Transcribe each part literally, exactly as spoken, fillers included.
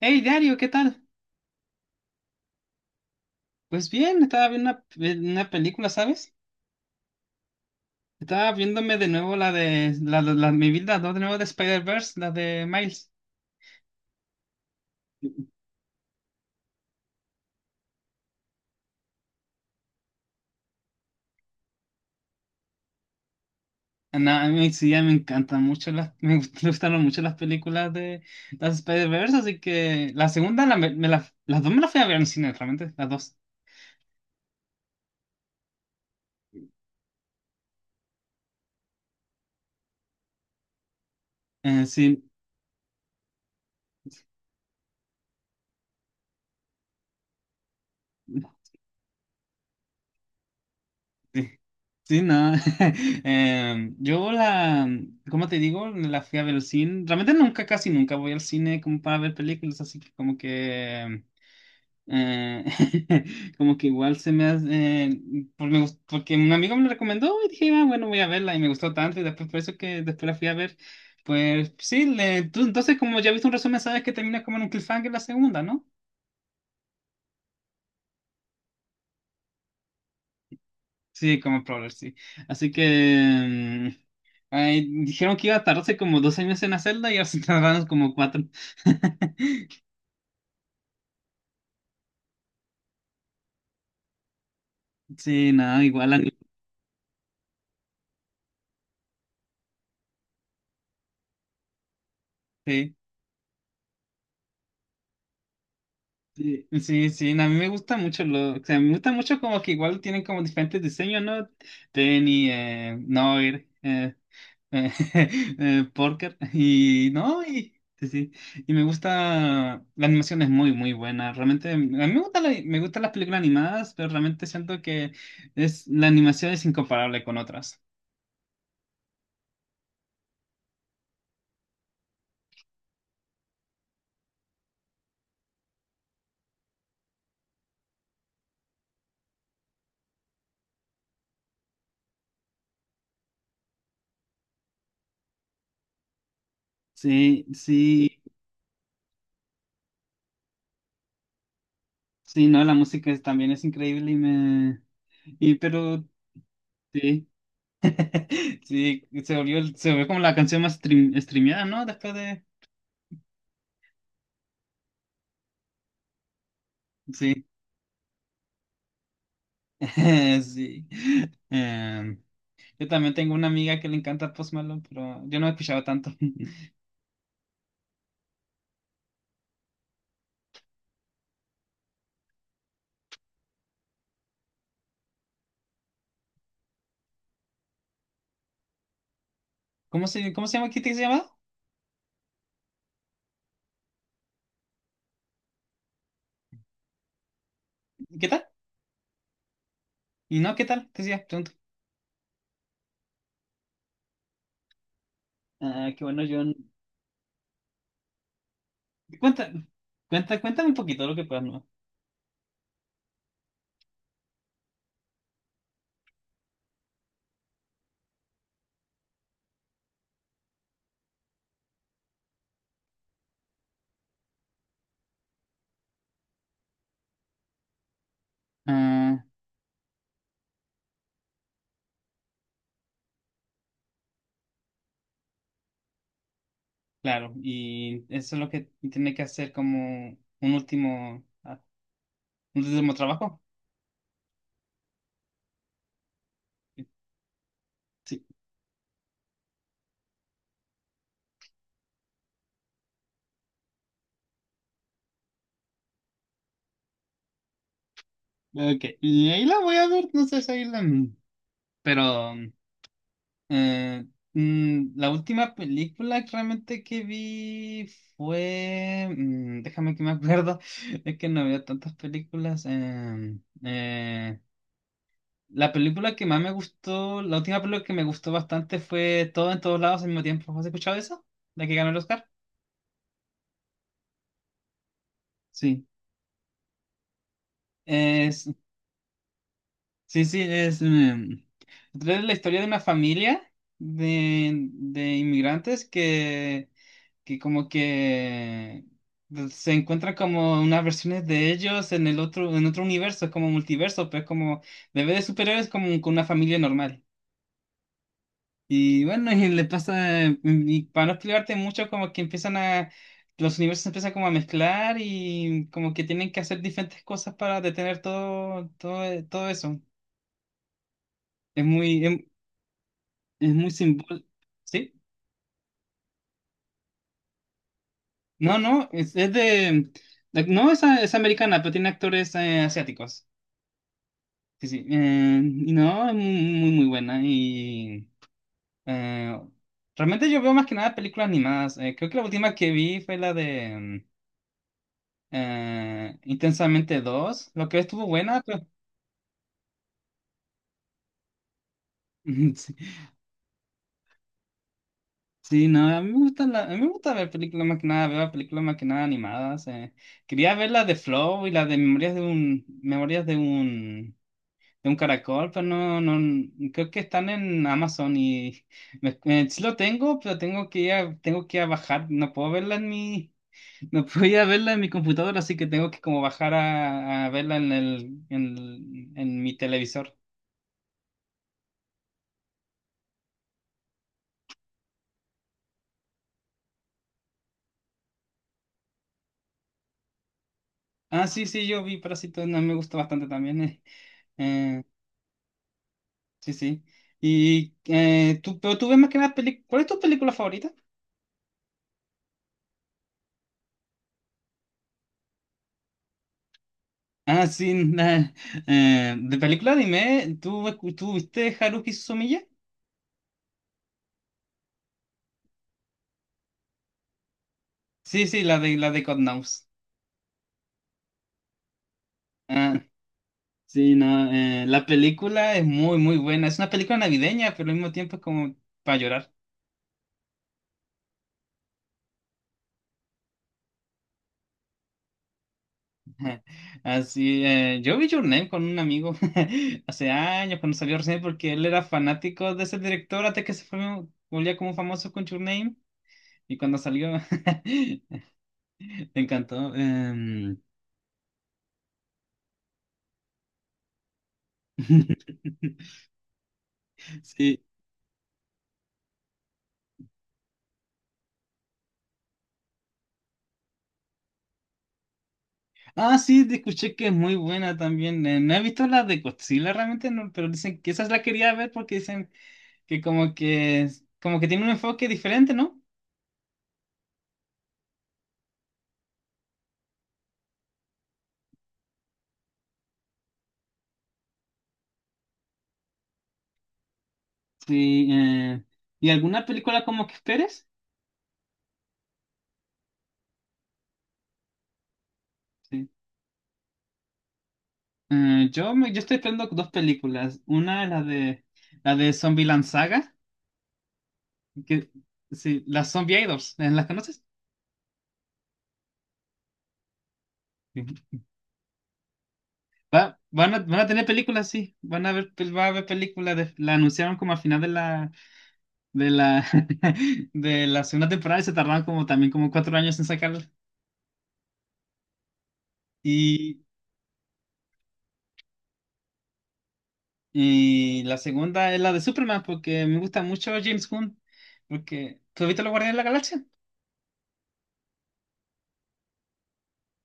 Hey, Dario, ¿qué tal? Pues bien, estaba viendo una, pe- una película, ¿sabes? Estaba viéndome de nuevo la de la, la, la- mi vida, ¿no? De nuevo de Spider-Verse, la de Miles. Ah, no, a mí sí, ya me encantan mucho las, me gust- me gustaron mucho las películas de las Spider-Verse, así que la segunda, la, me, me la- las dos me las fui a ver en el cine, realmente, las dos. Eh, sí, sí. Sí, no. Em, yo la, ¿cómo te digo? La fui a ver al cine. Realmente nunca, casi nunca voy al cine como para ver películas, así que como que, eh, como que igual se me hace, eh, por- me gust- porque un amigo me lo recomendó y dije, ah, bueno, voy a verla y me gustó tanto y después por eso que después la fui a ver. Pues sí, le- tú- entonces como ya viste un resumen, sabes que termina como en un cliffhanger la segunda, ¿no? Sí, como Prowler, sí. Así que mm, ay, dijeron que iba a tardarse como dos años en la celda y ahora se tardaron como cuatro. Sí, no, igual a mí, sí, sí, sí, sí, no, a mí me gusta mucho lo, o sea, me gusta mucho como que igual tienen como diferentes diseños, ¿no? Tenny, eh, Noir, eh, eh, póker y no, y sí, sí. Y me gusta, la animación es muy, muy buena. Realmente, a mí me gusta la- me gustan las películas animadas, pero realmente siento que es, la animación es incomparable con otras. Sí, sí, sí, no, la música es- también es increíble y me... Y pero, sí, sí, se volvió, el- se volvió como la canción más stream- streameada, ¿no? Después de... Sí, sí. Em, yo también tengo una amiga que le encanta Post Malone, pero yo no he escuchado tanto. ¿Cómo se, cómo se llama? ¿Qué te llama? ¿Qué tal? Y no, ¿qué tal? Te decía, pregunto. Ah, qué bueno, John. Cuenta, cuenta, cuéntame un poquito lo que puedas, ¿no? Ah, claro, y eso es lo que tiene que hacer como un último, ah, un último trabajo. Sí, ok. Y ahí la voy a ver, no sé si ahí la... Pero Eh, mm, la última película que realmente que vi fue, mm, déjame que me acuerdo, es que no veo tantas películas. em, eh, la película que más me gustó, la última película que me gustó bastante fue Todo en todos lados al mismo tiempo. ¿Has escuchado eso? La que ganó el Oscar. Sí. Es, sí, sí, es em, es la historia de una familia de, de inmigrantes que que como que pues, se encuentra como unas versiones de ellos en el otro, en otro universo, es como multiverso, pues como bebé de superhéroes como con una familia normal. Y bueno, y le pasa, y para no explicarte mucho, como que empiezan a, los universos empiezan como a mezclar y como que tienen que hacer diferentes cosas para detener todo, todo, todo eso. Es muy, es, es muy simbólico. ¿Sí? No, no, es, es de, de- no, es, es americana, pero tiene actores eh, asiáticos. Sí, sí. Eh, y no, es muy, muy buena. Y eh, realmente yo veo más que nada películas animadas. Eh, creo que la última que vi fue la de mm, eh, Intensamente dos lo que estuvo buena, pero... Sí, sí, no, a mí me gusta, la- a mí me gusta ver películas más que nada, veo películas más que nada animadas. eh. Quería ver la de Flow y la de Memorias de un, Memorias de un de un caracol, pero no, no, creo que están en Amazon y me- eh, sí lo tengo, pero tengo que ir a, tengo que ir a bajar, no puedo verla en mi, no puedo ir a verla en mi computadora, así que tengo que como bajar a, a verla en el, en, en mi televisor. Ah, sí, sí, yo vi Parásitos, no, me gusta bastante también, eh, eh, sí, sí. Y eh, tú, pero tú ves más que nada películas, ¿cuál es tu película favorita? Ah, sí, na- eh, de película dime, ¿tú, escu- tú viste Haruhi Suzumiya? Sí, sí, la de la de God Knows. Ah, sí, no, eh, la película es muy, muy buena. Es una película navideña, pero al mismo tiempo es como para llorar. Así, eh, yo vi Your Name con un amigo hace años cuando salió recién, porque él era fanático de ese director hasta que se fue, volvía como famoso con Your Name. Y cuando salió, me encantó. Em, Sí, ah, sí, te escuché que es muy buena también. Eh, no he visto la de Godzilla realmente, no, pero dicen que esa la quería ver porque dicen que como que como que tiene un enfoque diferente, ¿no? Sí. eh, ¿y alguna película como que esperes? Sí. Eh, yo me, yo estoy esperando dos películas. Una es la de la de Zombieland Saga, que sí, las Zombie Idols, ¿eh, ¿las conoces? Sí. Va- van a, van a tener películas, sí. Van a ver, pel- va a haber películas. de- la anunciaron como al final de la de la, de la segunda temporada y se tardaron como también como cuatro años en sacarla. Y, y la segunda es la de Superman, porque me gusta mucho James Gunn, porque ¿tú viste Los Guardianes de la Galaxia?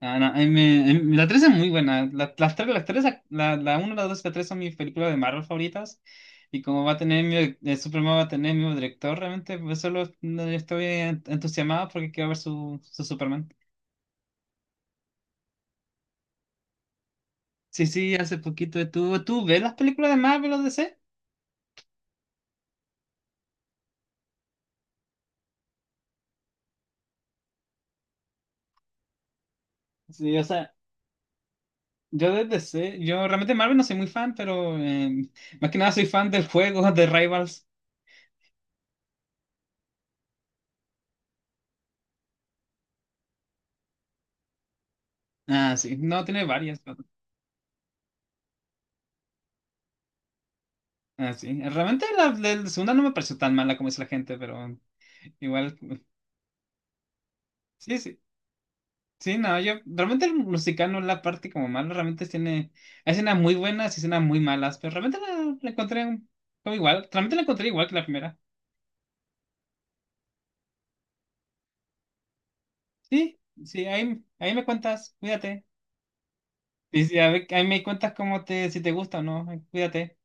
Ah, no, a mí me- a mí- la tres es muy buena. La, las tres, las tres, la, la uno la dos y la tres son mis películas de Marvel favoritas. Y como va a tener mi, eh, Superman va a tener mi director, realmente pues solo no, estoy en- entusiasmado porque quiero ver su, su Superman. Sí, sí, hace poquito estuvo. ¿Tú ves las películas de Marvel o D C? Sí, o sea, yo desde D C, yo realmente Marvel no soy muy fan, pero eh, más que nada soy fan del juego de Rivals. Ah, sí, no, tiene varias. Pero, ah, sí, realmente la del segunda no me pareció tan mala como dice la gente, pero igual, sí, sí, sí, no, yo realmente el musical no es la parte como mala, realmente tiene hay escenas muy buenas y escenas muy malas, pero realmente la, la encontré un- como igual, realmente la encontré igual que la primera. Sí, sí, ahí, ahí me cuentas, cuídate. Y sí, a ver, ahí me cuentas cómo te, si te gusta o no, cuídate.